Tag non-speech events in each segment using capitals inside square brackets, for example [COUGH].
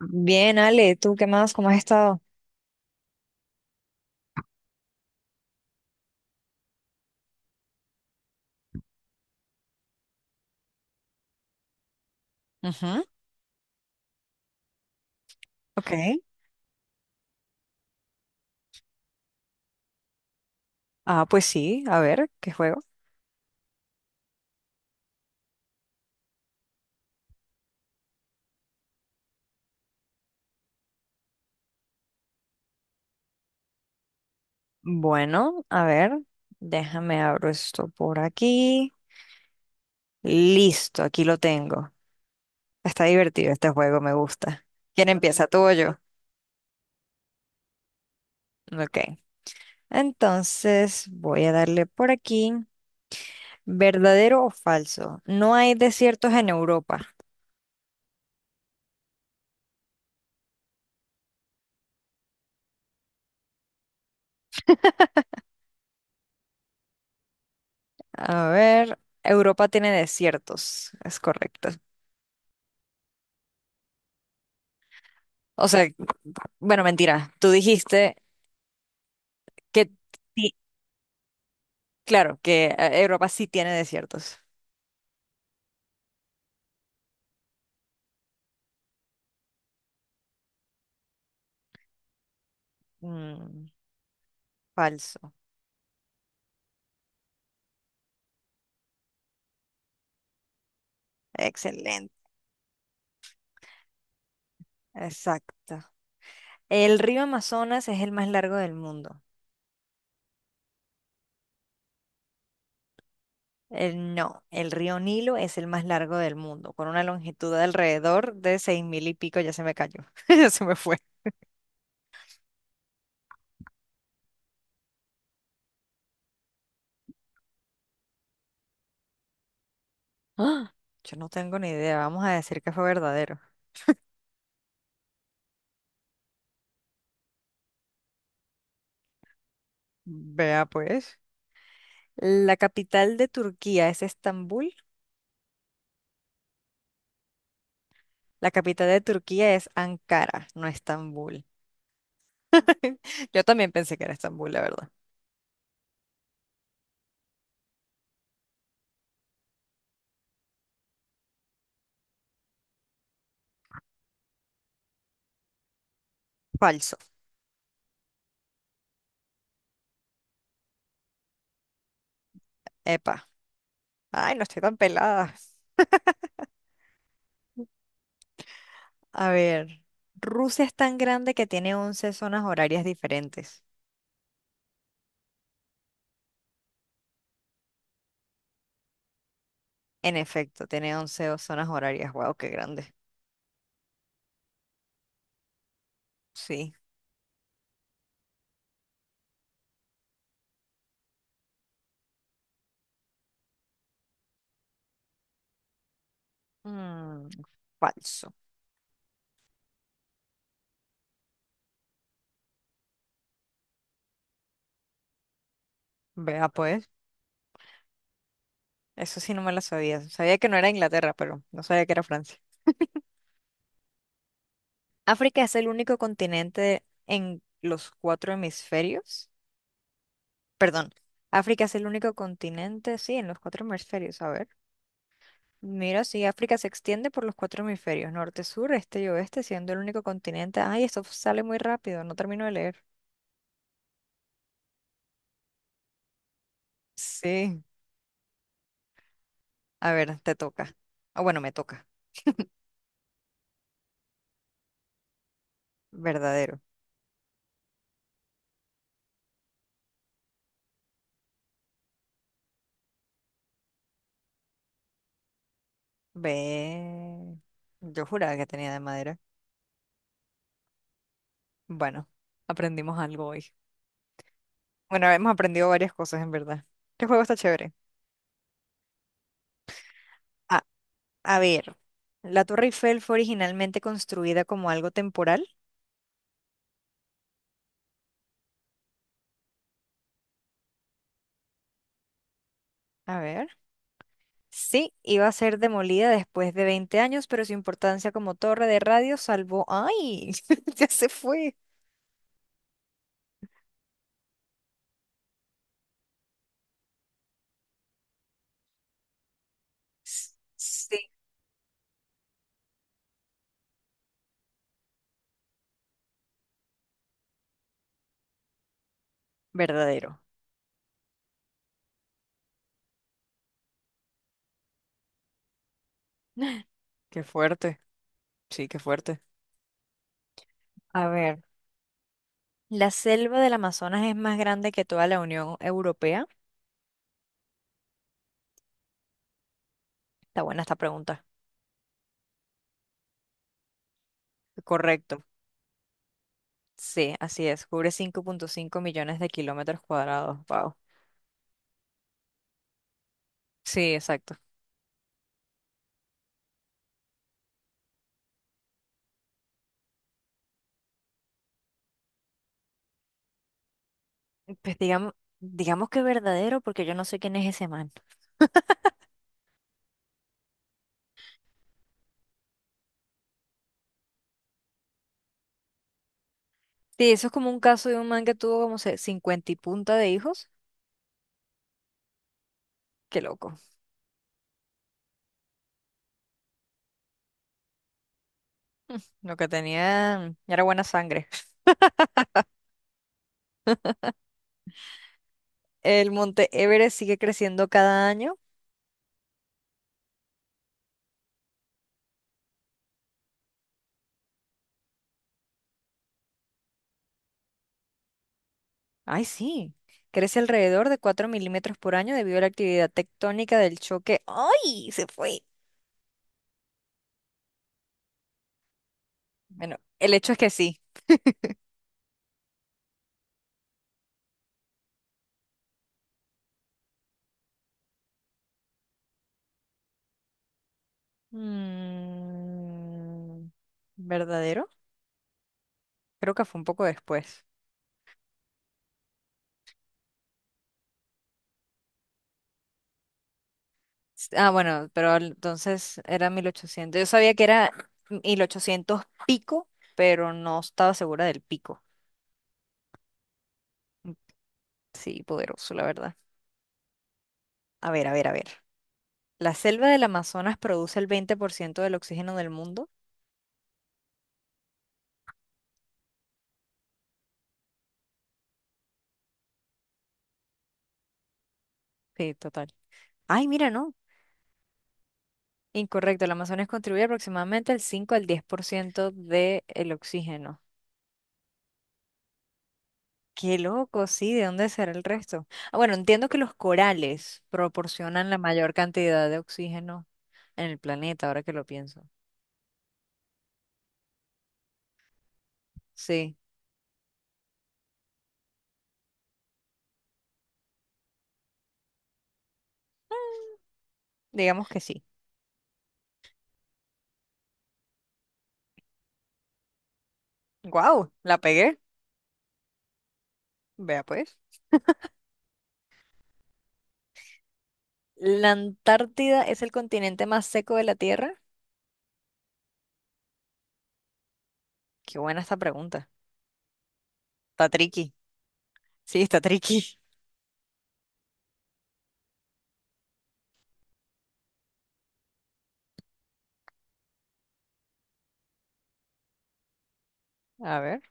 Bien, Ale, ¿tú qué más? ¿Cómo has estado? Ujú. Ok. Pues sí, a ver, ¿qué juego? Bueno, a ver, déjame abro esto por aquí. Listo, aquí lo tengo. Está divertido este juego, me gusta. ¿Quién empieza, tú o yo? Ok. Entonces, voy a darle por aquí. ¿Verdadero o falso? No hay desiertos en Europa. A ver, Europa tiene desiertos, es correcto. O sea, bueno, mentira, tú dijiste que... sí. Claro que Europa sí tiene desiertos. Mm, falso. Excelente. Exacto. El río Amazonas es el más largo del mundo. No, el río Nilo es el más largo del mundo, con una longitud de alrededor de 6000 y pico. Ya se me cayó. [LAUGHS] Ya se me fue. ¡Ah! Yo no tengo ni idea. Vamos a decir que fue verdadero. Vea pues. La capital de Turquía es Estambul. La capital de Turquía es Ankara, no Estambul. [LAUGHS] Yo también pensé que era Estambul, la verdad. Falso. Epa. Ay, no estoy tan pelada. A ver, Rusia es tan grande que tiene 11 zonas horarias diferentes. En efecto, tiene zonas horarias. Wow, qué grande. Sí. Mm, falso. Vea pues, eso sí no me lo sabía. Sabía que no era Inglaterra, pero no sabía que era Francia. África es el único continente en los 4 hemisferios. Perdón, África es el único continente, sí, en los 4 hemisferios. A ver. Mira, sí, África se extiende por los 4 hemisferios, norte, sur, este y oeste, siendo el único continente. Ay, esto sale muy rápido, no termino de leer. Sí. A ver, te toca. Ah, bueno, me toca. Verdadero. Ve. Yo juraba que tenía de madera. Bueno, aprendimos algo hoy. Bueno, hemos aprendido varias cosas, en verdad. ¿Qué juego está chévere? Ah, a ver. La Torre Eiffel fue originalmente construida como algo temporal. A ver. Sí, iba a ser demolida después de 20 años, pero su importancia como torre de radio salvó. ¡Ay! [LAUGHS] Ya se fue. Sí. Verdadero. [GASPS] [LAUGHS] Qué fuerte. Sí, qué fuerte. A ver, ¿la selva del Amazonas es más grande que toda la Unión Europea? Está buena esta pregunta. Correcto. Sí, así es. Cubre 5.5 millones de kilómetros cuadrados. Wow. Sí, exacto. Pues digamos, digamos que verdadero, porque yo no sé quién es ese man. Sí, eso es como un caso de un man que tuvo como 50 y punta de hijos. Qué loco. Lo que tenía era buena sangre. [LAUGHS] El monte Everest sigue creciendo cada año. Ay, sí. Crece alrededor de 4 mm por año debido a la actividad tectónica del choque. ¡Ay! Se fue. Bueno, el hecho es que sí. Mm, ¿verdadero? Creo que fue un poco después. Ah, bueno, pero entonces era 1800. Yo sabía que era 1800 pico, pero no estaba segura del pico. Mm, sí, poderoso, la verdad. A ver, a ver, a ver. La selva del Amazonas produce el 20% del oxígeno del mundo. Sí, total. Ay, mira, no. Incorrecto, el Amazonas contribuye aproximadamente el 5 al 10% del oxígeno. Qué loco, sí, ¿de dónde será el resto? Ah, bueno, entiendo que los corales proporcionan la mayor cantidad de oxígeno en el planeta, ahora que lo pienso. Sí, digamos que sí. ¡Guau! La pegué. Vea pues. ¿La Antártida es el continente más seco de la Tierra? Qué buena esta pregunta. Está tricky. Sí, está tricky. A ver.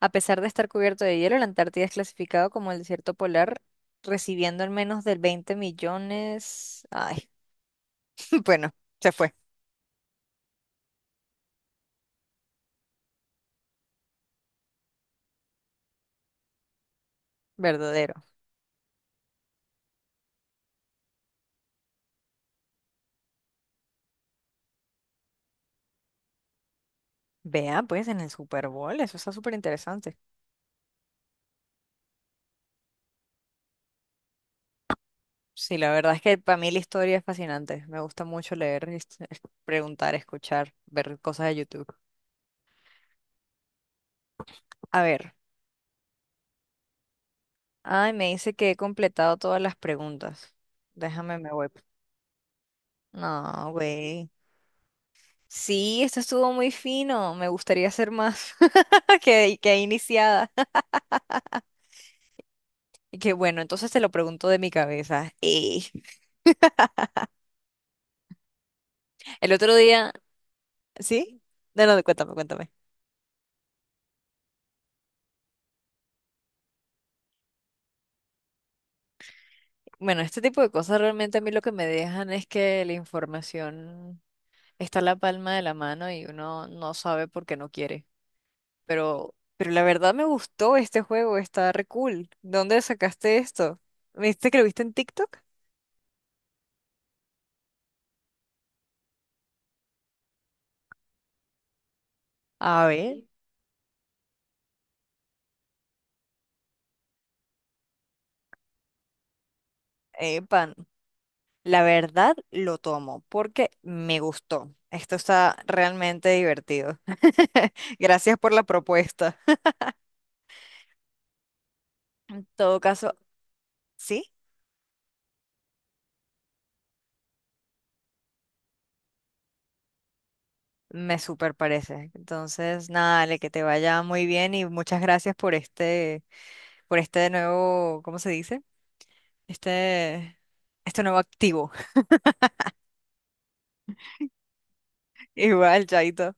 A pesar de estar cubierto de hielo, la Antártida es clasificado como el desierto polar, recibiendo al menos del 20 millones. Ay, [LAUGHS] bueno, se fue. Verdadero. Vea, pues en el Super Bowl, eso está súper interesante. Sí, la verdad es que para mí la historia es fascinante. Me gusta mucho leer, preguntar, escuchar, ver cosas de YouTube. A ver. Ay, me dice que he completado todas las preguntas. Déjame, me voy. No, güey. Sí, esto estuvo muy fino. Me gustaría hacer más [LAUGHS] que iniciada. Y que bueno, entonces te lo pregunto de mi cabeza. El otro día, ¿sí? No, no, cuéntame, cuéntame. Bueno, este tipo de cosas realmente a mí lo que me dejan es que la información está a la palma de la mano y uno no sabe por qué no quiere. Pero la verdad me gustó este juego, está re cool. ¿Dónde sacaste esto? ¿Me dijiste que lo viste en TikTok? A ver, pan. La verdad lo tomo porque me gustó. Esto está realmente divertido. [LAUGHS] Gracias por la propuesta. En todo caso, sí, me super parece. Entonces, nada, Ale, que te vaya muy bien y muchas gracias por este nuevo, ¿cómo se dice? este, este nuevo activo. [LAUGHS] Igual, Chaito.